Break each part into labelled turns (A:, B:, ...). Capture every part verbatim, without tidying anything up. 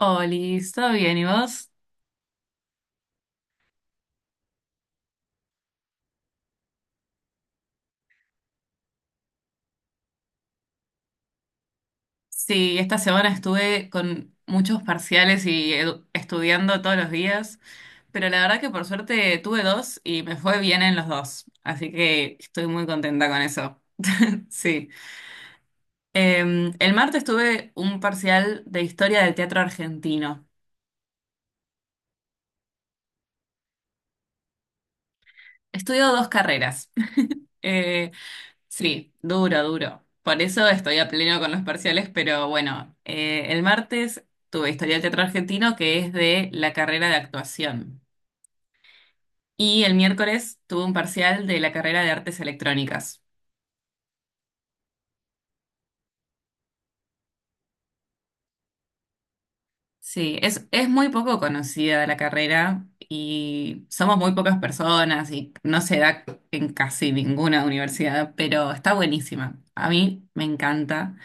A: Oli, ¿todo bien? ¿Y vos? Sí, esta semana estuve con muchos parciales y edu- estudiando todos los días, pero la verdad que por suerte tuve dos y me fue bien en los dos, así que estoy muy contenta con eso. Sí. Eh, el martes tuve un parcial de historia del teatro argentino. Estudio dos carreras. Eh, Sí, duro, duro. Por eso estoy a pleno con los parciales, pero bueno, eh, el martes tuve Historia del Teatro Argentino, que es de la carrera de actuación. Y el miércoles tuve un parcial de la carrera de Artes Electrónicas. Sí, es, es muy poco conocida la carrera y somos muy pocas personas y no se da en casi ninguna universidad, pero está buenísima. A mí me encanta.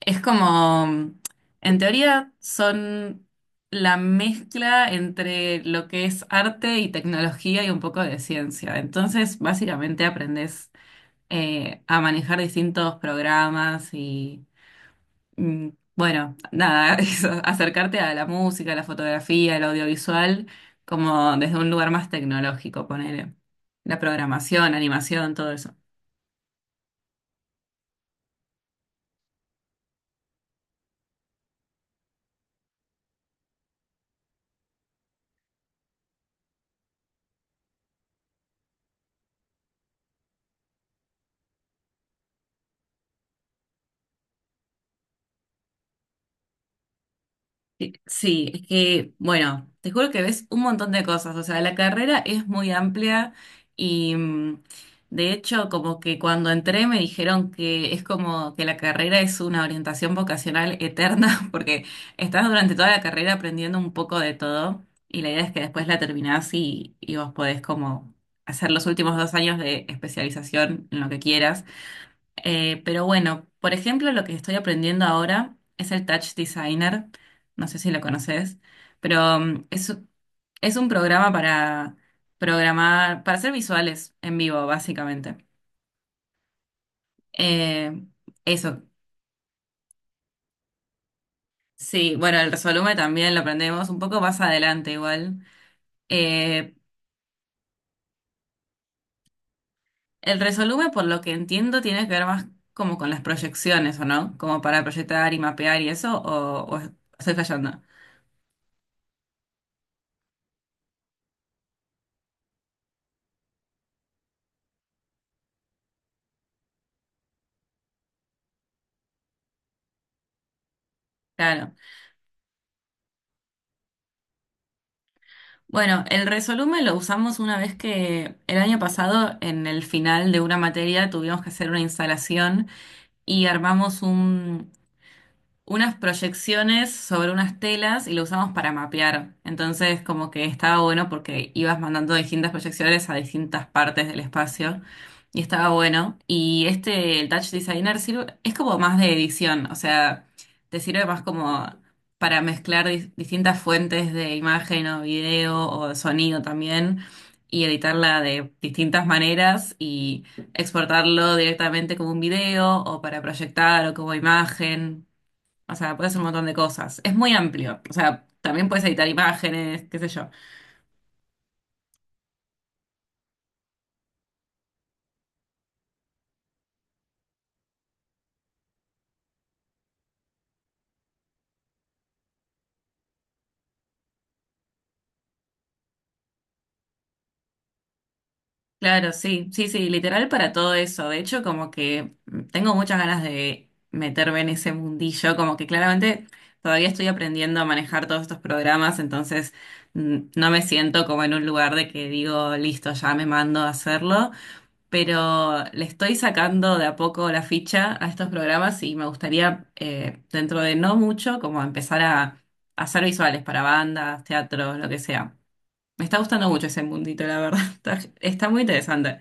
A: Es como, en teoría, son la mezcla entre lo que es arte y tecnología y un poco de ciencia. Entonces, básicamente aprendes eh, a manejar distintos programas y, mm, bueno, nada, eso, acercarte a la música, a la fotografía, el audiovisual, como desde un lugar más tecnológico, poner la programación, animación, todo eso. Sí, sí, es que, bueno, te juro que ves un montón de cosas, o sea, la carrera es muy amplia y mm, de hecho como que cuando entré me dijeron que es como que la carrera es una orientación vocacional eterna porque estás durante toda la carrera aprendiendo un poco de todo y la idea es que después la terminás y, y vos podés como hacer los últimos dos años de especialización en lo que quieras. Eh, pero bueno, por ejemplo, lo que estoy aprendiendo ahora es el Touch Designer. No sé si lo conoces, pero mm, es, es un programa para programar, para hacer visuales en vivo, básicamente. Eh, eso. Sí, bueno, el Resolume también lo aprendemos un poco más adelante igual. Eh, el Resolume, por lo que entiendo, tiene que ver más como con las proyecciones, ¿o no? Como para proyectar y mapear y eso, o, o estoy fallando. Claro. Bueno, el resolumen lo usamos una vez que el año pasado en el final de una materia tuvimos que hacer una instalación y armamos un, unas proyecciones sobre unas telas y lo usamos para mapear. Entonces, como que estaba bueno porque ibas mandando distintas proyecciones a distintas partes del espacio y estaba bueno. Y este, el Touch Designer sirve, es como más de edición, o sea, te sirve más como para mezclar dis- distintas fuentes de imagen o video o sonido también, y editarla de distintas maneras y exportarlo directamente como un video o para proyectar o como imagen. O sea, puedes hacer un montón de cosas. Es muy amplio. O sea, también puedes editar imágenes, qué sé yo. Claro, sí, sí, sí, literal para todo eso. De hecho, como que tengo muchas ganas de meterme en ese mundillo, como que claramente todavía estoy aprendiendo a manejar todos estos programas, entonces mm, no me siento como en un lugar de que digo, listo, ya me mando a hacerlo. Pero le estoy sacando de a poco la ficha a estos programas y me gustaría, eh, dentro de no mucho, como empezar a, a hacer visuales para bandas, teatros, lo que sea. Me está gustando mucho ese mundito, la verdad. Está, está muy interesante.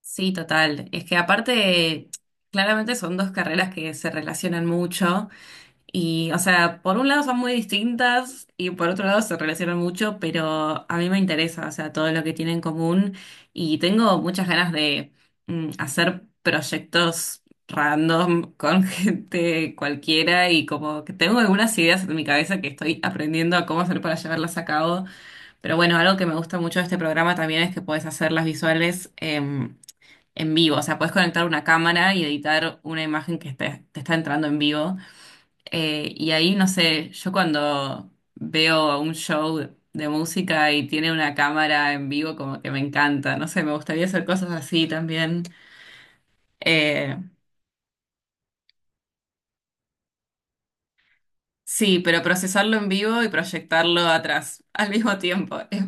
A: Sí, total. Es que aparte, claramente son dos carreras que se relacionan mucho. Y, o sea, por un lado son muy distintas y por otro lado se relacionan mucho, pero a mí me interesa, o sea, todo lo que tienen en común, y tengo muchas ganas de mm, hacer proyectos random con gente cualquiera, y como que tengo algunas ideas en mi cabeza que estoy aprendiendo a cómo hacer para llevarlas a cabo, pero bueno, algo que me gusta mucho de este programa también es que puedes hacer las visuales em, en vivo, o sea, puedes conectar una cámara y editar una imagen que esté- te está entrando en vivo. Eh, y ahí, no sé, yo cuando veo un show de música y tiene una cámara en vivo, como que me encanta, no sé, me gustaría hacer cosas así también. Eh, sí, pero procesarlo en vivo y proyectarlo atrás al mismo tiempo. Es-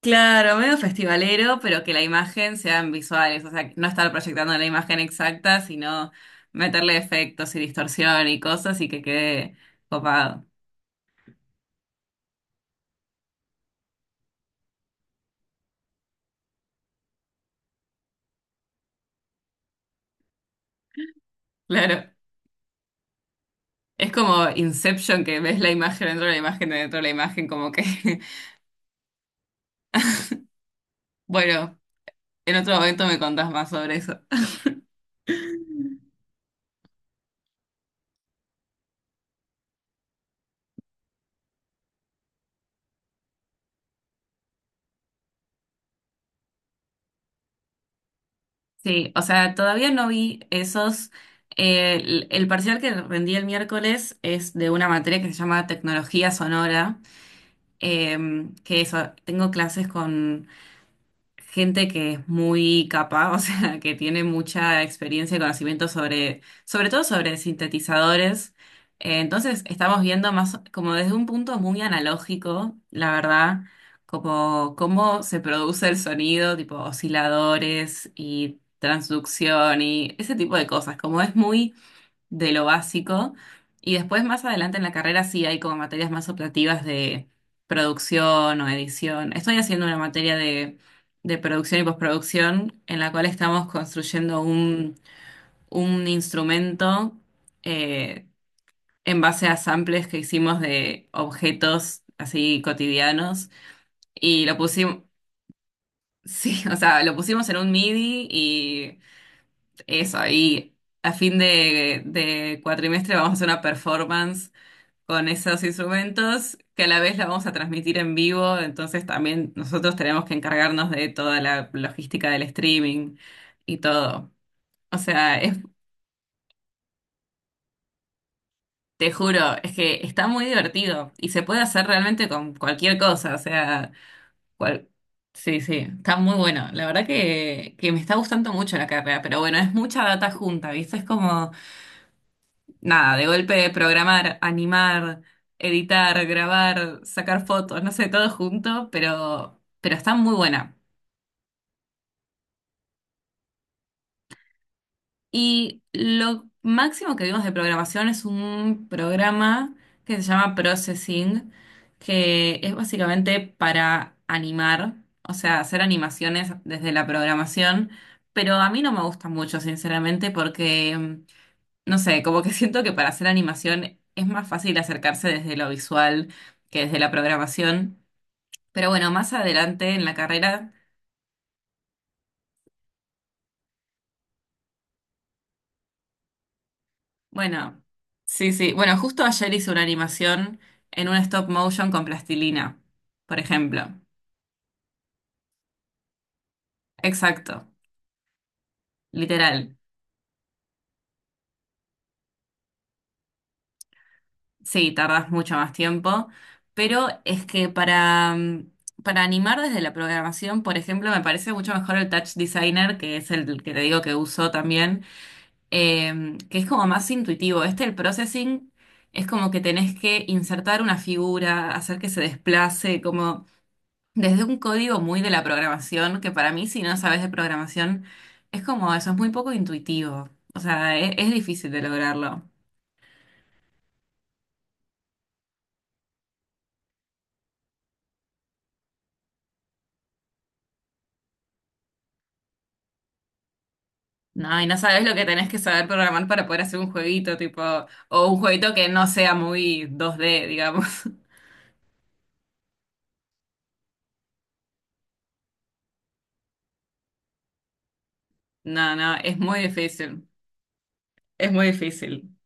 A: Claro, medio festivalero, pero que la imagen sean visuales, o sea, no estar proyectando la imagen exacta, sino meterle efectos y distorsión y cosas y que quede copado. Claro. Es como Inception, que ves la imagen dentro de la imagen dentro de la imagen, como que, bueno, en otro momento me contás más sobre eso. Sí, o sea, todavía no vi esos. eh, el, el parcial que rendí el miércoles es de una materia que se llama Tecnología Sonora, em, que eso, tengo clases con gente que es muy capaz, o sea, que tiene mucha experiencia y conocimiento sobre, sobre todo sobre sintetizadores. Eh, entonces, estamos viendo más como desde un punto muy analógico, la verdad, como cómo se produce el sonido, tipo osciladores y transducción y ese tipo de cosas, como es muy de lo básico. Y después, más adelante en la carrera, sí hay como materias más optativas de producción o edición. Estoy haciendo una materia de, de producción y postproducción en la cual estamos construyendo un, un instrumento eh, en base a samples que hicimos de objetos así cotidianos. Y lo pusimos, sí, o sea, lo pusimos en un MIDI y eso, y a fin de, de cuatrimestre vamos a hacer una performance con esos instrumentos que a la vez la vamos a transmitir en vivo, entonces también nosotros tenemos que encargarnos de toda la logística del streaming y todo. O sea, es, te juro, es que está muy divertido y se puede hacer realmente con cualquier cosa, o sea, cual- sí, sí, está muy bueno. La verdad que, que me está gustando mucho la carrera, pero bueno, es mucha data junta, ¿viste? Es como... Nada, de golpe programar, animar, editar, grabar, sacar fotos, no sé, todo junto, pero, pero está muy buena. Y lo máximo que vimos de programación es un programa que se llama Processing, que es básicamente para animar, o sea, hacer animaciones desde la programación, pero a mí no me gusta mucho, sinceramente, porque... No sé, como que siento que para hacer animación es más fácil acercarse desde lo visual que desde la programación. Pero bueno, más adelante en la carrera, bueno, sí, sí. Bueno, justo ayer hice una animación en un stop motion con plastilina, por ejemplo. Exacto, literal. Sí, tardas mucho más tiempo, pero es que para, mm, para animar desde la programación, por ejemplo, me parece mucho mejor el Touch Designer, que es el que te digo que uso también, eh, que es como más intuitivo. Este, el processing, es como que tenés que insertar una figura, hacer que se desplace, como desde un código muy de la programación, que para mí, si no sabes de programación, es como eso, es, muy poco intuitivo. O sea, e- es, difícil de lograrlo. No, y no sabes lo que tenés que saber programar para poder hacer un jueguito, tipo, o un jueguito que no sea muy dos D, digamos. No, no, es muy difícil. Es muy difícil.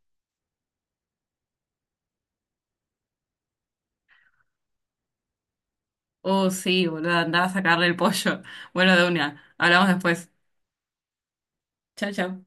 A: Oh, sí, boludo, andaba a sacarle el pollo. Bueno, de una. Hablamos después. Chao, chao.